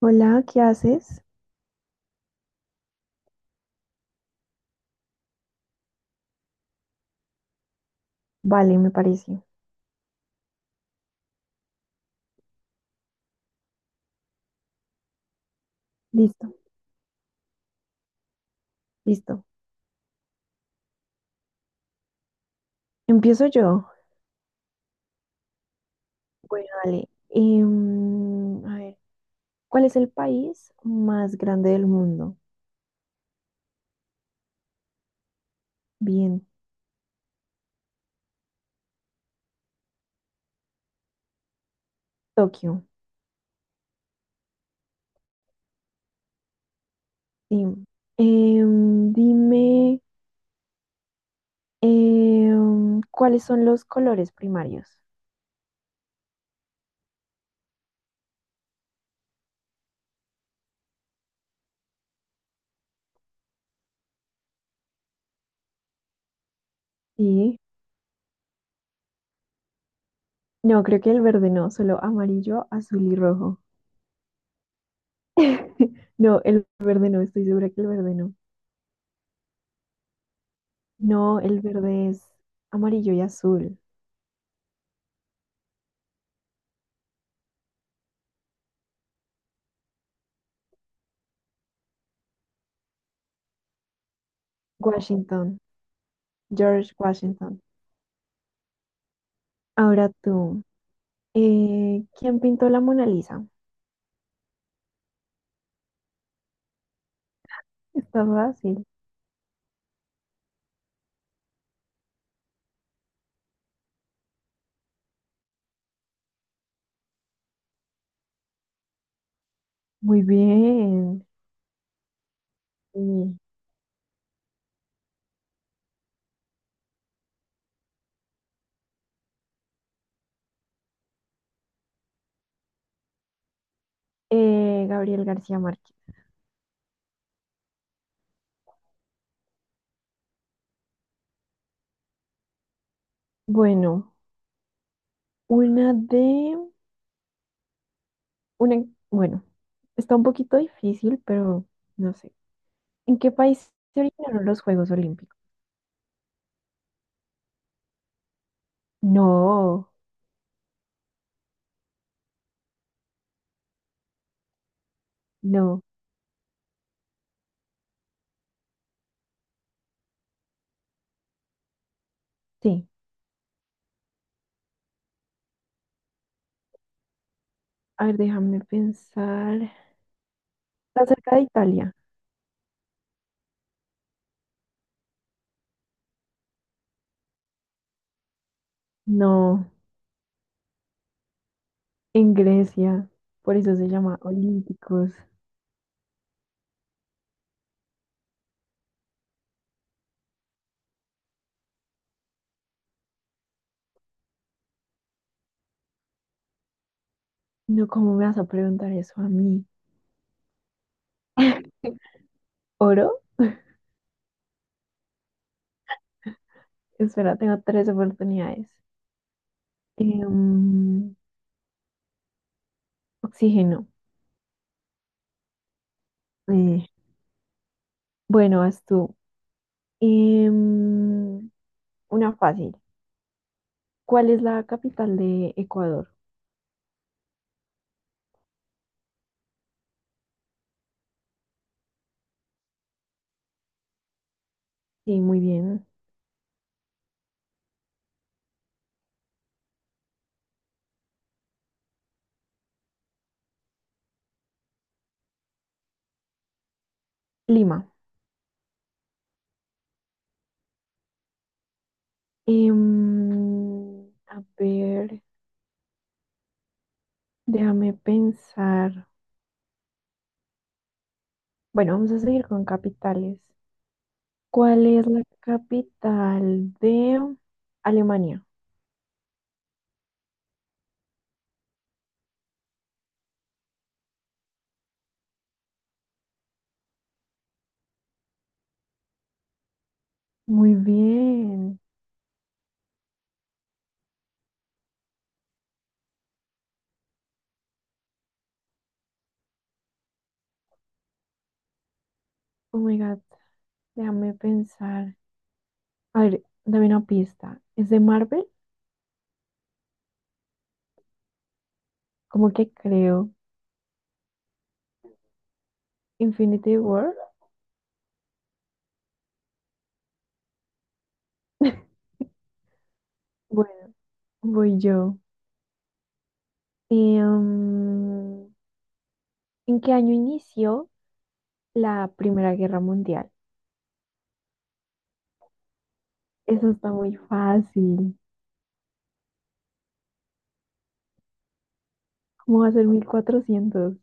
Hola, ¿qué haces? Vale, me parece. Listo, listo. Empiezo yo. Bueno, dale. A ver, ¿cuál es el país más grande del mundo? Bien, Tokio. Sí. Dime, ¿cuáles son los colores primarios? Sí. No, creo que el verde no, solo amarillo, azul y rojo. No, el verde no, estoy segura que el verde no. No, el verde es amarillo y azul. Washington. George Washington. Ahora tú. ¿Quién pintó la Mona Lisa? Está fácil. Muy bien. Sí. Gabriel García Márquez. Bueno, una de... una, bueno, está un poquito difícil, pero no sé. ¿En qué país se originaron los Juegos Olímpicos? No, no. Sí. A ver, déjame pensar. Está cerca de Italia. No, en Grecia. Por eso se llama Olímpicos. No, ¿cómo me vas a preguntar eso a mí? ¿Oro? Espera, tengo tres oportunidades. Em, oxígeno. Eh, bueno, vas tú. Em, una fácil. ¿Cuál es la capital de Ecuador? Sí, muy bien. Lima. A ver, déjame pensar. Bueno, vamos a seguir con capitales. ¿Cuál es la capital de Alemania? Muy bien. Oh my God. Déjame pensar. A ver, dame una pista. ¿Es de Marvel? Como que creo. Infinity War. Bueno, voy yo. Eh, mm, ¿en qué año inició la Primera Guerra Mundial? Eso está muy fácil. ¿Cómo va a ser 1400?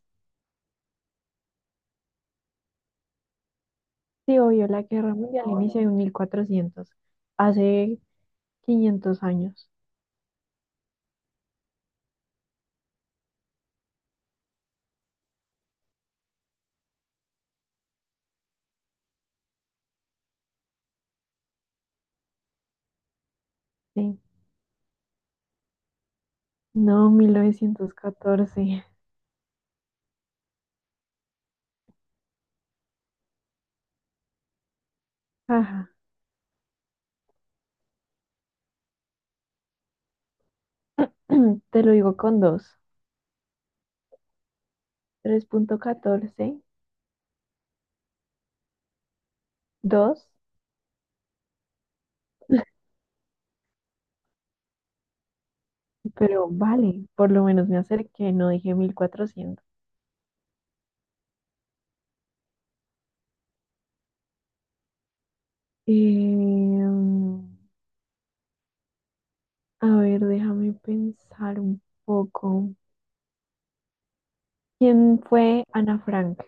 Sí, obvio, la Guerra Mundial inició en 1400 hace 500 años. Sí. No, 1914. Ajá. Te lo digo con dos. 3,14. Dos, pero vale, por lo menos me acerqué, no dije 1400. Em, a ver, déjame pensar un poco. ¿Quién fue Ana Frank?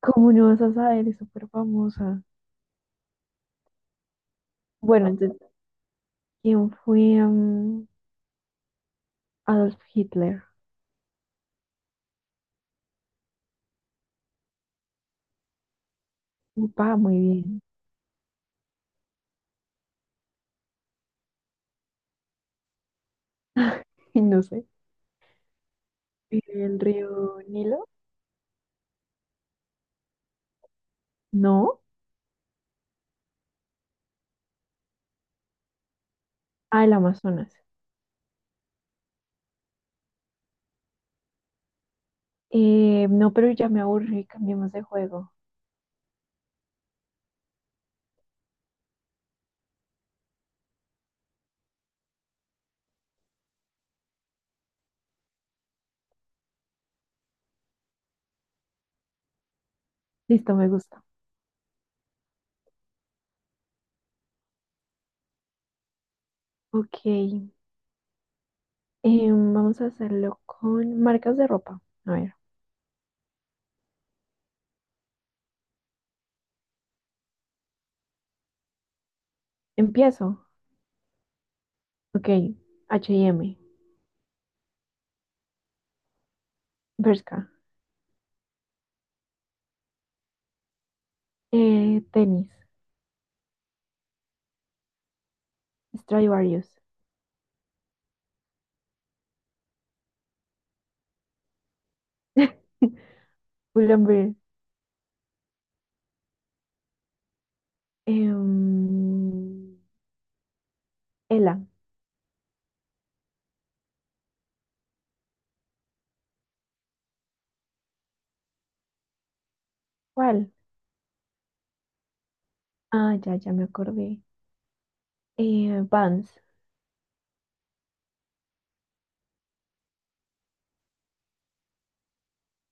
¿Cómo no vas a saber? Es súper famosa. Bueno, entonces, ¿quién fue Adolf Hitler? Upa, muy bien. No sé. ¿El río Nilo? No. Ah, el Amazonas. No, pero ya me aburrí, cambiemos de juego. Listo, me gusta. Ok. Vamos a hacerlo con marcas de ropa. A ver, empiezo. Ok, H&M, Bershka, tenis, Stradivarius, Pull&Bear, em, Ela, ¿cuál? Ah, ya, ya me acordé. Vans,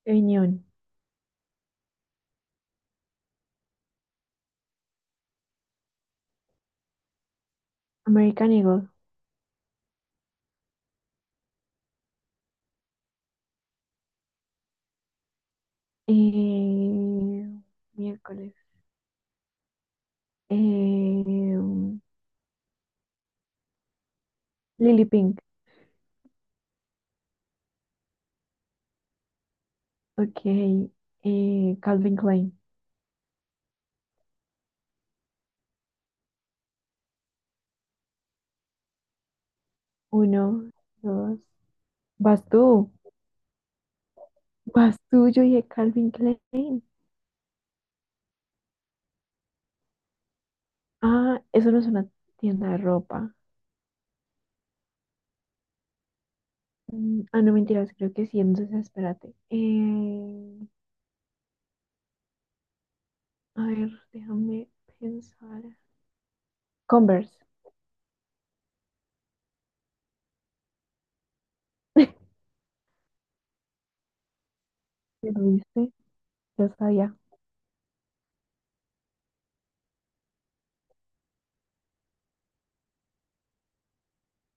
Union, American Eagle, eh, miércoles, em, Lily Pink, ok, Calvin Klein, uno, dos, vas tú. Vas tú, yo dije Calvin Klein. Ah, eso no es una tienda de ropa. Ah, no, mentiras, creo que sí. Entonces, espérate. A ver, déjame pensar. Converse. ¿Me lo viste? Lo sabía.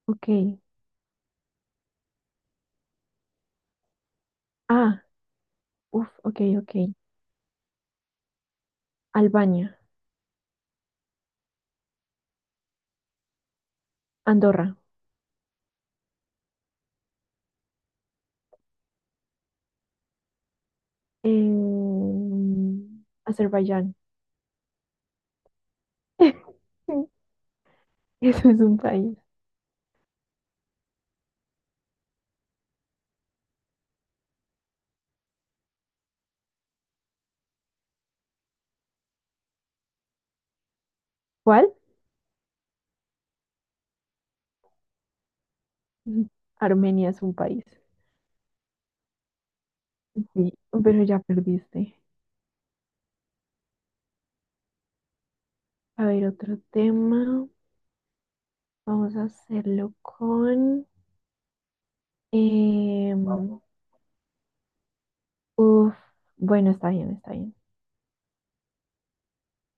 Ok. Ah, uff, ok, ok. Albania, Andorra, Azerbaiyán. Eso es un país. ¿Cuál? Armenia es un país. Sí, pero ya perdiste. A ver, otro tema. Vamos a hacerlo con... em, uf, bueno, está bien, está bien.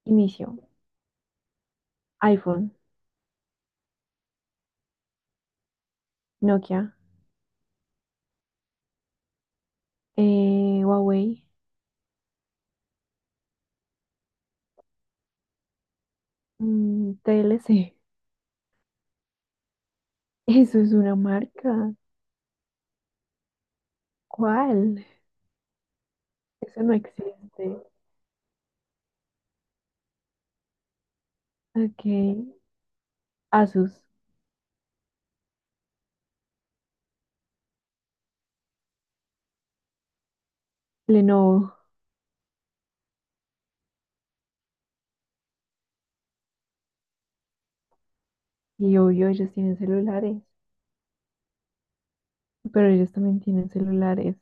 Inicio. iPhone, Nokia, Huawei, TLC. Eso es una marca. ¿Cuál? Eso no existe. Ok. Asus, Lenovo. Y obvio, ellos tienen celulares. Pero ellos también tienen celulares.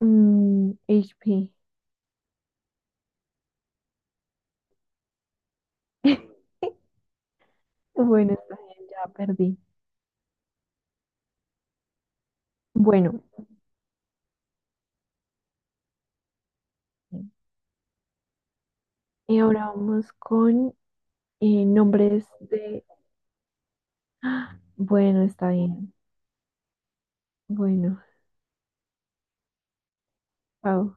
HP. Bueno, está bien, ya perdí. Bueno. Y ahora vamos con nombres de... ¡Ah! Bueno, está bien. Bueno, Pau.